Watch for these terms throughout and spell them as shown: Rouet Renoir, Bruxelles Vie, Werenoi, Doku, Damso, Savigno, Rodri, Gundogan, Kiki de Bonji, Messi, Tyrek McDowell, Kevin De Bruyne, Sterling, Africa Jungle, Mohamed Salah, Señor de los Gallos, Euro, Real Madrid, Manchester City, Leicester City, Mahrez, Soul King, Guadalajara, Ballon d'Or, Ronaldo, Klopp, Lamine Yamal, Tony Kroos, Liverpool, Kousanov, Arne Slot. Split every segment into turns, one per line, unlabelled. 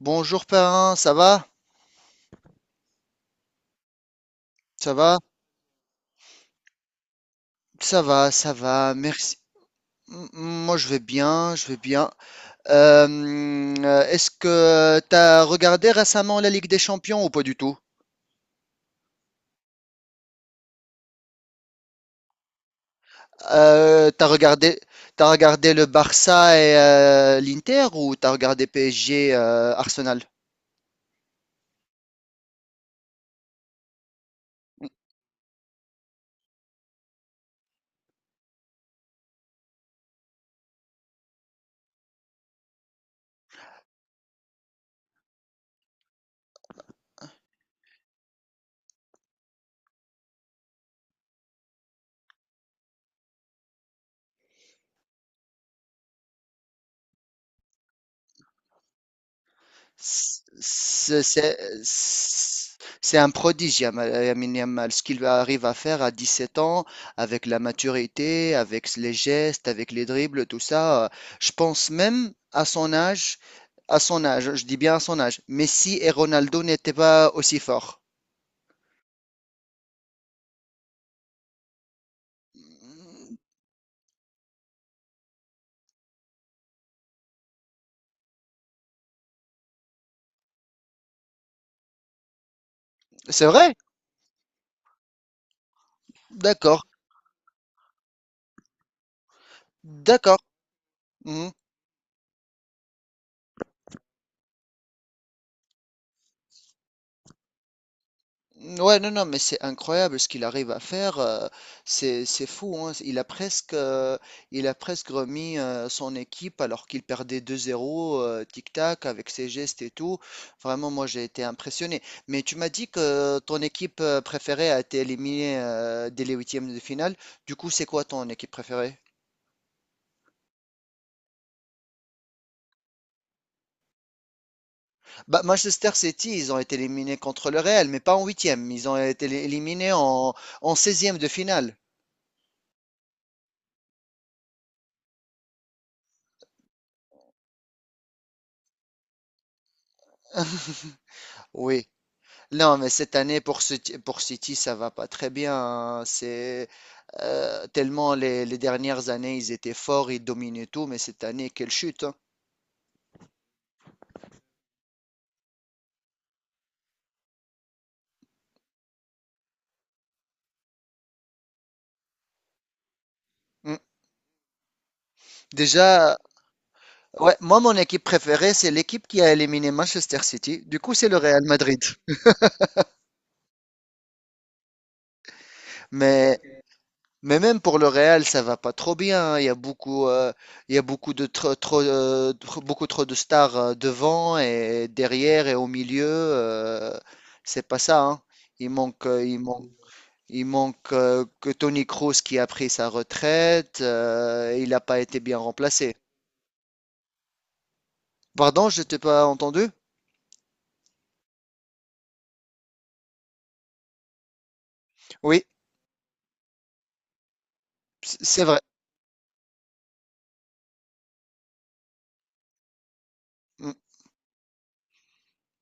Bonjour parrain, ça va? Ça va? Ça va, ça va, merci. Moi je vais bien, je vais bien. Euh, est-ce que t'as regardé récemment la Ligue des Champions ou pas du tout? Euh, t'as regardé, t'as regardé le Barça et l'Inter ou t'as regardé PSG, Arsenal? C'est c'est- c'est un prodige, Yamal, Lamine Yamal, ce qu'il arrive à faire à 17 ans, avec la maturité, avec les gestes, avec les dribbles, tout ça. Je pense même à son âge, je dis bien à son âge, Messi et Ronaldo n'étaient pas aussi forts. C'est vrai? D'accord, d'accord. Mhm. Ouais, non, non, mais c'est incroyable ce qu'il arrive à faire. C'est fou, hein. Il a presque remis son équipe alors qu'il perdait 2-0, tic-tac, avec ses gestes et tout. Vraiment, moi, j'ai été impressionné. Mais tu m'as dit que ton équipe préférée a été éliminée dès les huitièmes de finale. Du coup, c'est quoi ton équipe préférée? Bah, Manchester City, ils ont été éliminés contre le Real, mais pas en huitième. Ils ont été éliminés en, en 16 de finale. Oui. Non, mais cette année pour City, ça va pas très bien, hein. C'est tellement les dernières années, ils étaient forts, ils dominaient tout, mais cette année, quelle chute, hein. Mm. Déjà, ouais, moi, mon équipe préférée, c'est l'équipe qui a éliminé Manchester City. Du coup, c'est le Real Madrid. Mais, mais même pour le Real, ça va pas trop bien, hein. Il y a beaucoup, il y a beaucoup de beaucoup trop de stars devant et derrière et au milieu. C'est pas ça, hein. Il manque, il manque, il manque que Tony Kroos qui a pris sa retraite. Il n'a pas été bien remplacé. Pardon, je t'ai pas entendu? Oui, c'est vrai. Mm,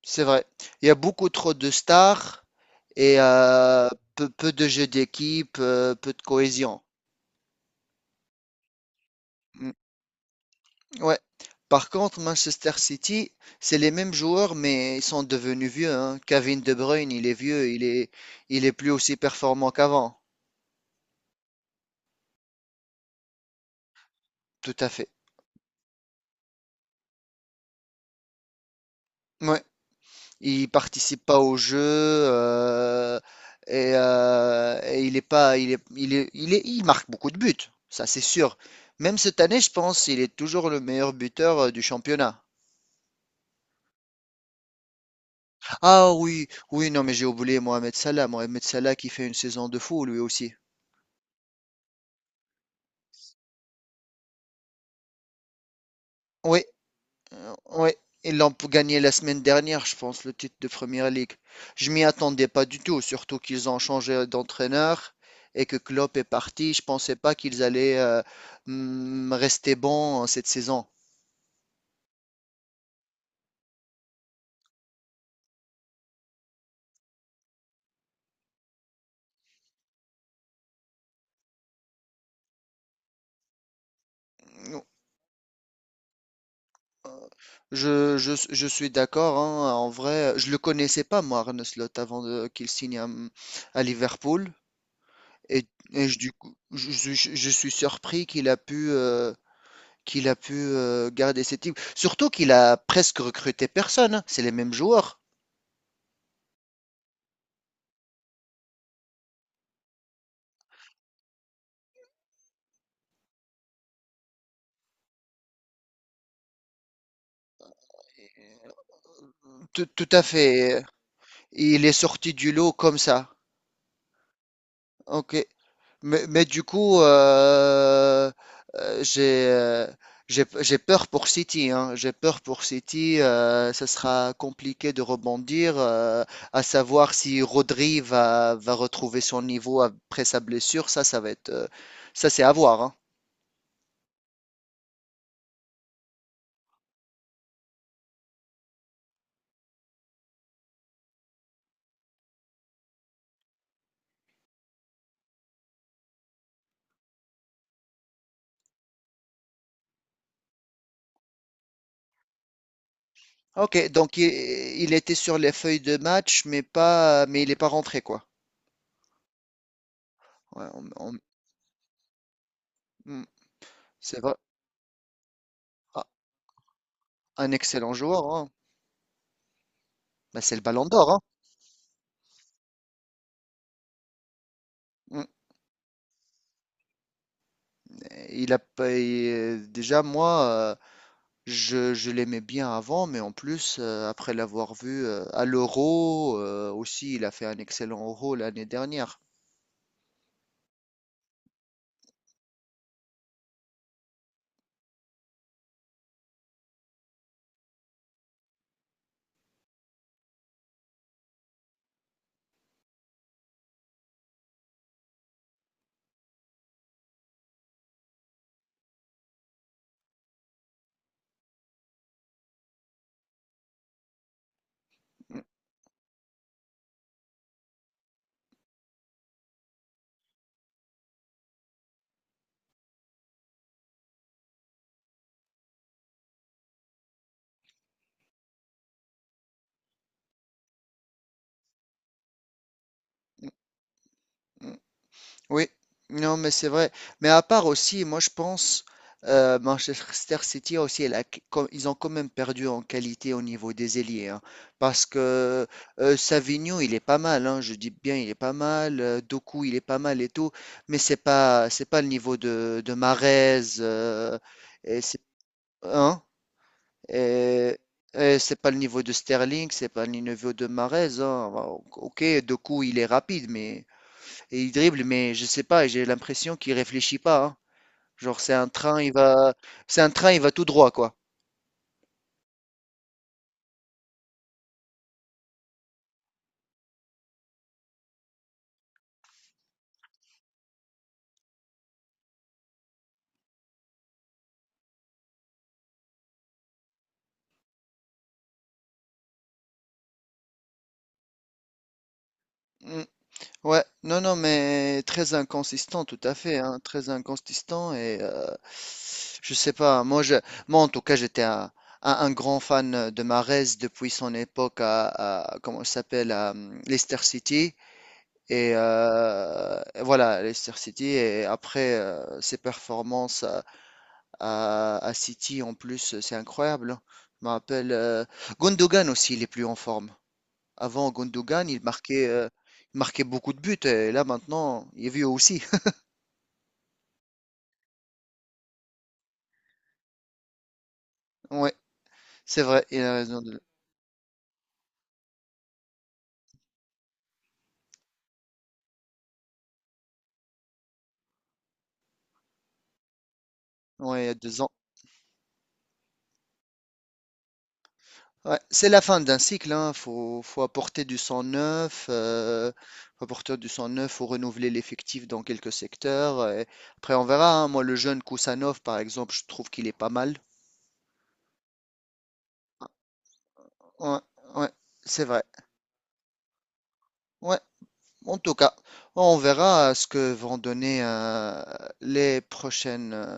c'est vrai. Il y a beaucoup trop de stars et peu de jeux d'équipe, peu de cohésion. Mm, ouais. Par contre, Manchester City, c'est les mêmes joueurs, mais ils sont devenus vieux, hein. Kevin De Bruyne, il est vieux, il est plus aussi performant qu'avant. Tout à fait. Ouais. Il participe pas au jeu, et il est pas, il marque beaucoup de buts, ça c'est sûr. Même cette année, je pense, il est toujours le meilleur buteur du championnat. Ah oui, oui, non, mais j'ai oublié Mohamed Salah. Mohamed Salah qui fait une saison de fou, lui aussi. Oui. Ouais, ils gagné la semaine dernière, je pense, le titre de Premier League. Je m'y attendais pas du tout, surtout qu'ils ont changé d'entraîneur et que Klopp est parti. Je pensais pas qu'ils allaient rester bons cette saison. Je suis d'accord, hein, en vrai, je le connaissais pas, moi, Arne Slot, qu'il signe à Liverpool. Et, et je, du coup, je suis surpris qu'il a pu garder ses types. Surtout qu'il a presque recruté personne, hein. C'est les mêmes joueurs. Tout à fait. Il est sorti du lot comme ça. Ok. Mais du coup, euh, j'ai euh, j'ai peur pour City, hein. J'ai peur pour City. Ça sera compliqué de rebondir. À savoir si Rodri va, va retrouver son niveau après sa blessure. Ça va être. Ça, c'est à voir, hein. Ok, donc il était sur les feuilles de match, mais pas, mais il n'est pas rentré quoi. Ouais, on- on- hmm, c'est vrai. Ah, un excellent joueur, hein. Bah, c'est le Ballon d'Or, hein. Hmm. Il a pas- il- Déjà moi, je l'aimais bien avant, mais en plus après l'avoir vu à l'Euro aussi, il a fait un excellent Euro l'année dernière. Hmm, hmm, hmm. Oui, non, mais c'est vrai. Mais à part aussi, moi je pense, Manchester City aussi, elle a qu- com- ils ont quand même perdu en qualité au niveau des ailiers, hein. Parce que Savigno, il est pas mal, hein, je dis bien, il est pas mal. Doku, il est pas mal et tout. Mais c'est pas le niveau de Mahrez. Et c'est, hein, et- et c'est pas le niveau de Sterling, c'est pas le niveau de Mahrez, hein. Bon, ok, Doku, il est rapide, mais. Et il dribble, mais je sais pas, j'ai l'impression qu'il réfléchit pas, hein. Genre, c'est un train, il va, c'est un train, il va tout droit, quoi. Mm. Ouais, non, non, mais très inconsistant, tout à fait, hein, très inconsistant et je sais pas. Moi, en tout cas, un grand fan de Mahrez depuis son époque à, comment il s'appelle, à Leicester City et voilà, Leicester City et après ses performances. À City, en plus, c'est incroyable, hein. Je me rappelle. Gundogan aussi, il est plus en forme. Avant, Gundogan, il marquait beaucoup de buts. Et là, maintenant, il est vieux aussi. Ouais, c'est vrai. Il a raison. Ouais, il y a 2 ans. Ouais, c'est la fin d'un cycle, hein. Faut apporter du sang neuf. Faut apporter du sang neuf. Faut renouveler l'effectif dans quelques secteurs. Et après, on verra, hein. Moi, le jeune Kousanov, par exemple, je trouve qu'il est pas mal. Ouais, ouais, c'est vrai. Ouais. En tout cas, on verra ce que vont donner les prochaines, euh,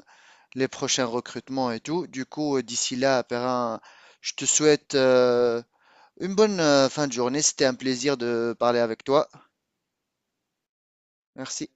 les prochains recrutements et tout. Du coup, d'ici là, Perrin, je te souhaite une bonne fin de journée. C'était un plaisir de parler avec toi. Merci.